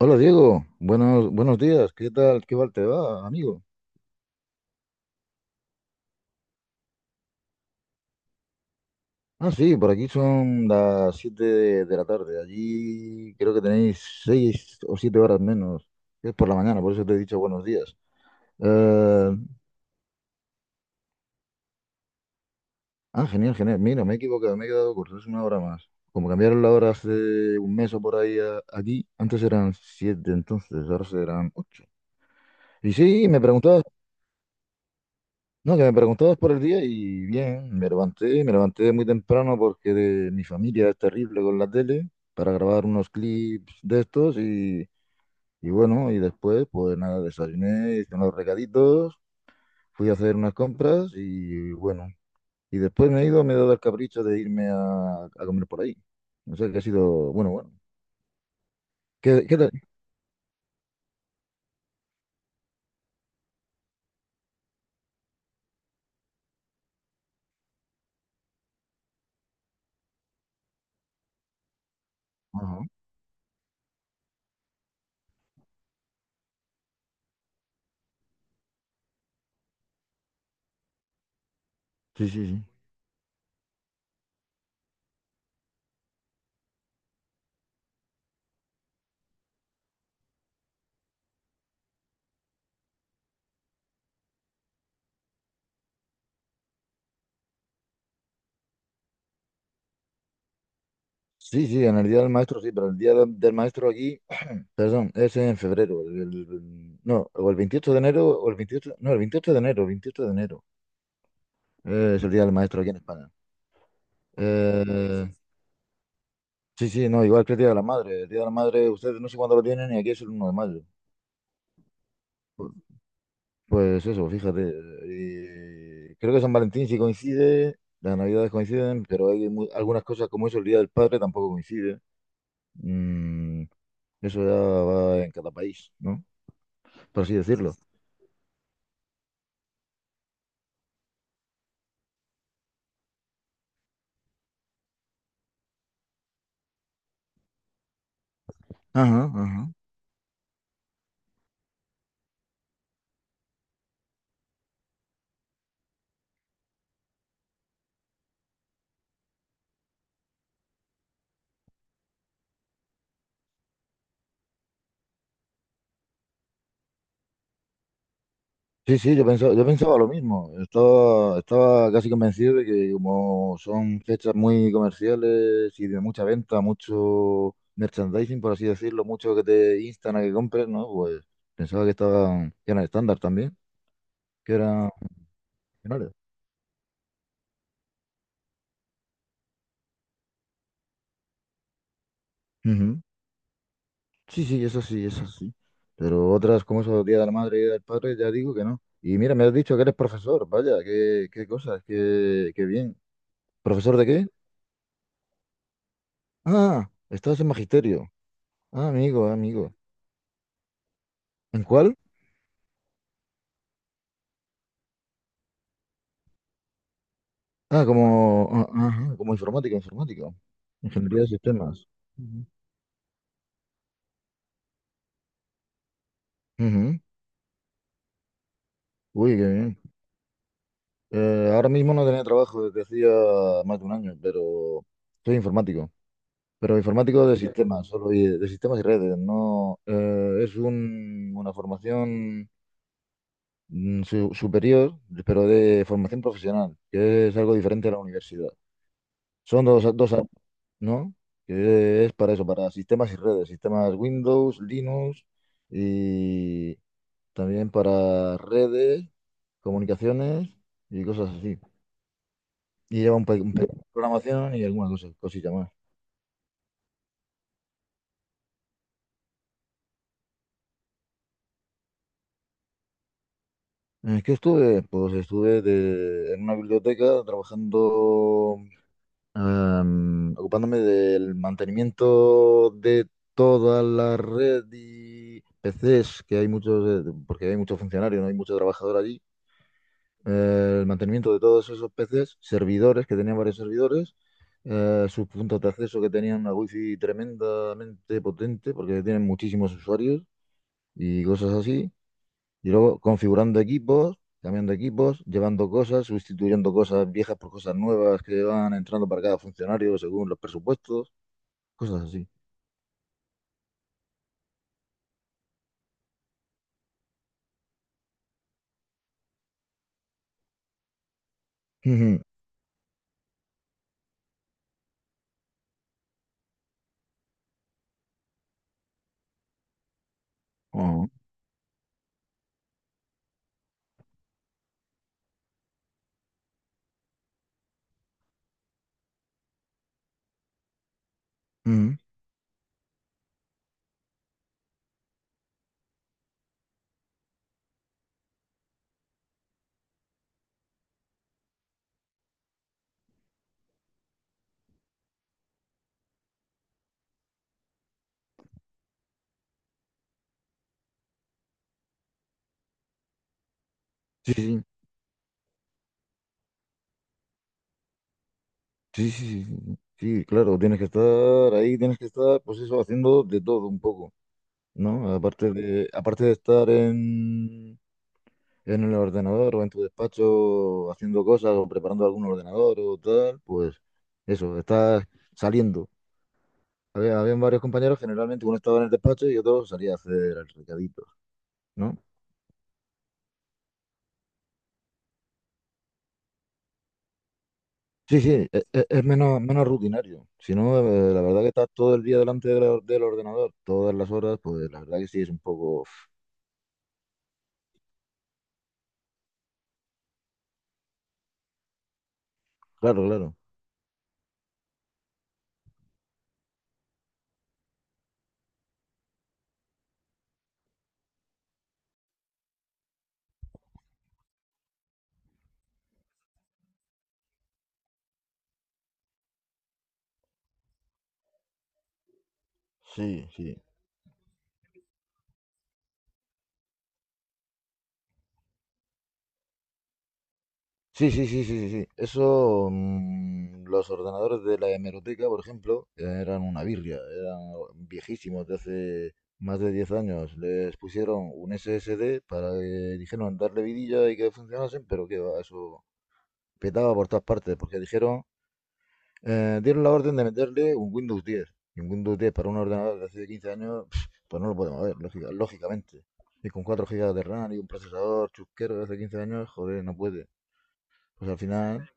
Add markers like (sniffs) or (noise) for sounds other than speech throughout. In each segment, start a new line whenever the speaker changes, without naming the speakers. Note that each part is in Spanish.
Hola Diego, buenos días, ¿qué tal? ¿Qué tal te va, amigo? Ah, sí, por aquí son las 7 de la tarde, allí creo que tenéis 6 o 7 horas menos, es por la mañana, por eso te he dicho buenos días. Eh, Genial, genial, mira, me he equivocado, me he quedado corto, es una hora más. Como cambiaron la hora hace un mes o por ahí aquí, antes eran 7, entonces ahora serán 8. Y sí, me preguntaba. No, que me preguntó dos por el día y bien, me levanté muy temprano porque mi familia es terrible con la tele para grabar unos clips de estos y bueno, y después pues nada, desayuné, hice unos recaditos, fui a hacer unas compras y bueno, y después me he ido, me he dado el capricho de irme a comer por ahí. No sé, que ha sido, bueno, bueno. ¿Qué, qué tal? Ajá. Sí, sí, sí. Sí, sí, en el día del maestro sí, pero el día del maestro aquí... Perdón, es en febrero. No, o el 28 de enero, o el 28, no, el 28 de enero, 28 de enero. Es el Día del Maestro aquí en España. Eh, sí, sí, no, igual que el Día de la Madre. El Día de la Madre, ustedes no sé cuándo lo tienen y aquí es el uno de mayo. Pu- Pues eso, fíjate. Y creo que San Valentín sí coincide, las Navidades coinciden, pero hay algunas cosas como eso, el Día del Padre tampoco coincide. Mm, eso ya va en cada país, ¿no? Por así decirlo. Ajá, ajá. Sí, sí, yo pensaba lo mismo. Estaba casi convencido de que como son fechas muy comerciales y de mucha venta, mucho merchandising, por así decirlo, mucho que te instan a que compres, ¿no? Pues pensaba que estaban, que eran estándar también, que eran finales. Ujú. Sí, sí, eso sí, eso sí. Pero otras como esos Día de la Madre y Día del Padre, ya digo que no. Y mira, me has dicho que eres profesor, vaya, qué, qué cosas, qué, qué bien. ¿Profesor de qué? Ah, estás en magisterio. Ah, amigo, amigo. ¿En cuál? Ah, como, ah, ajá, como informática, informática. Ingeniería de sistemas. Ujú. Ujú. Uy, qué bien. Ahora mismo no tenía trabajo desde hacía más de un año, pero soy informático. Pero informático de sistemas, solo de sistemas y redes. No, es una formación superior, pero de formación profesional, que es algo diferente a la universidad. Son dos, dos años, ¿no? Que es para eso, para sistemas y redes, sistemas Windows, Linux y también para redes, comunicaciones y cosas así. Y lleva un, programación y alguna cosa, cosilla más. ¿Qué estuve? Pues estuve en una biblioteca trabajando, em, ocupándome del mantenimiento de toda la red y PCs, que hay muchos, porque hay muchos funcionarios, no hay mucho trabajador allí. Eh, el mantenimiento de todos esos PCs, servidores, que tenían varios servidores, sus puntos de acceso, que tenían una wifi tremendamente potente, porque tienen muchísimos usuarios y cosas así. Y luego configurando equipos, cambiando equipos, llevando cosas, sustituyendo cosas viejas por cosas nuevas que van entrando para cada funcionario según los presupuestos, cosas así. (laughs) Ujú. Ujú. Ujú. Sí, sí, sí, sí, sí, sí, sí, claro, tienes que estar ahí, tienes que estar, pues eso, haciendo de todo un poco. ¿No? Aparte de estar en el ordenador o en tu despacho haciendo cosas o preparando algún ordenador o tal, pues eso, estás saliendo. Había, habían varios compañeros, generalmente uno estaba en el despacho y otro salía a hacer el recadito, ¿no? Sí, sí, es, menos, menos rutinario. Si no, la verdad que estás todo el día delante del, del ordenador, todas las horas, pues la verdad que sí es un poco... Claro, claro. Sí, sí. Sí, sí, sí, sí, sí, sí. Eso, mm, los ordenadores de la hemeroteca, por ejemplo, eran una birria, eran viejísimos de hace más de 10 años. Les pusieron un SSD para que dijeron darle vidilla y que funcionasen, pero que va, eso petaba por todas partes, porque dijeron, dieron la orden de meterle un Windows 10. Y un Windows 10 para un ordenador de hace 15 años, (sniffs) pues no lo podemos ver, lógicamente. Y con 4 GB de RAM y un procesador chusquero de hace 15 años, joder, no puede. Pues al final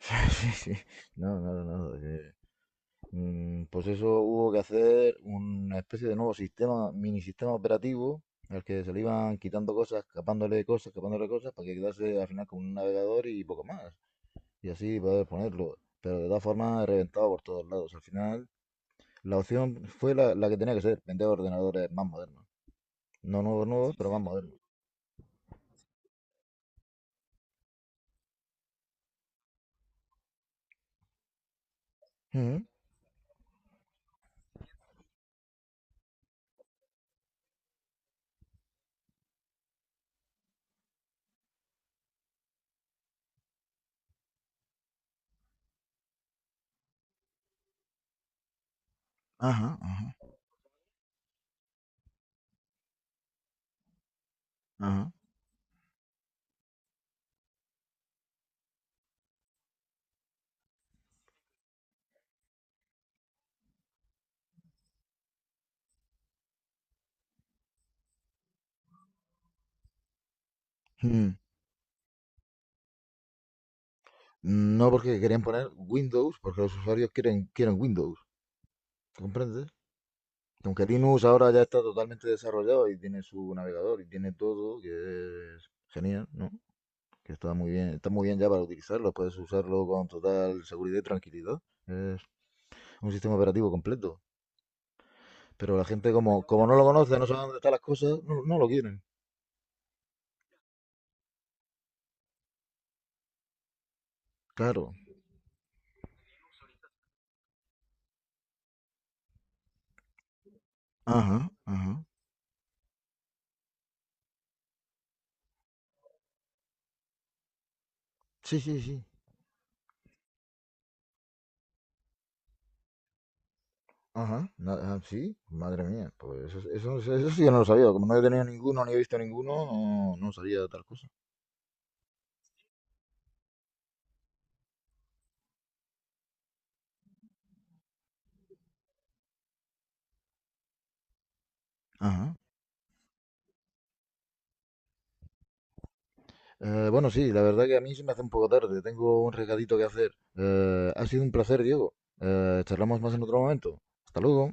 (laughs) sí, sí. No, no, no, no, mm, pues eso hubo que hacer una especie de nuevo sistema, mini sistema operativo, al que se le iban quitando cosas, escapándole cosas, escapándole cosas, para que quedase al final con un navegador y poco más. Y así poder ponerlo. Pero de todas formas, reventado por todos lados. Al final, la opción fue la, la que tenía que ser, vender ordenadores más modernos. No nuevos, nuevos, sí, pero más sí, modernos. Ujú. Ajá, ajá, ajá. Mm. No porque querían poner Windows, porque los usuarios quieren, quieren Windows, ¿comprendes? Aunque Linux ahora ya está totalmente desarrollado y tiene su navegador y tiene todo, que es genial, ¿no? Que está muy bien ya para utilizarlo, puedes usarlo con total seguridad y tranquilidad. Es un sistema operativo completo. Pero la gente como, como no lo conoce, no sabe dónde están las cosas, no, no lo quieren. Claro. Ajá, ajá. Sí, sí, sí. Ajá. Sí, madre mía. Pues eso sí que no lo sabía. Como no he tenido ninguno ni he visto ninguno, no, no sabía de tal cosa. Ajá. Bueno, sí, la verdad que a mí se me hace un poco tarde. Tengo un recadito que hacer. Ha sido un placer, Diego. Charlamos más en otro momento. Hasta luego.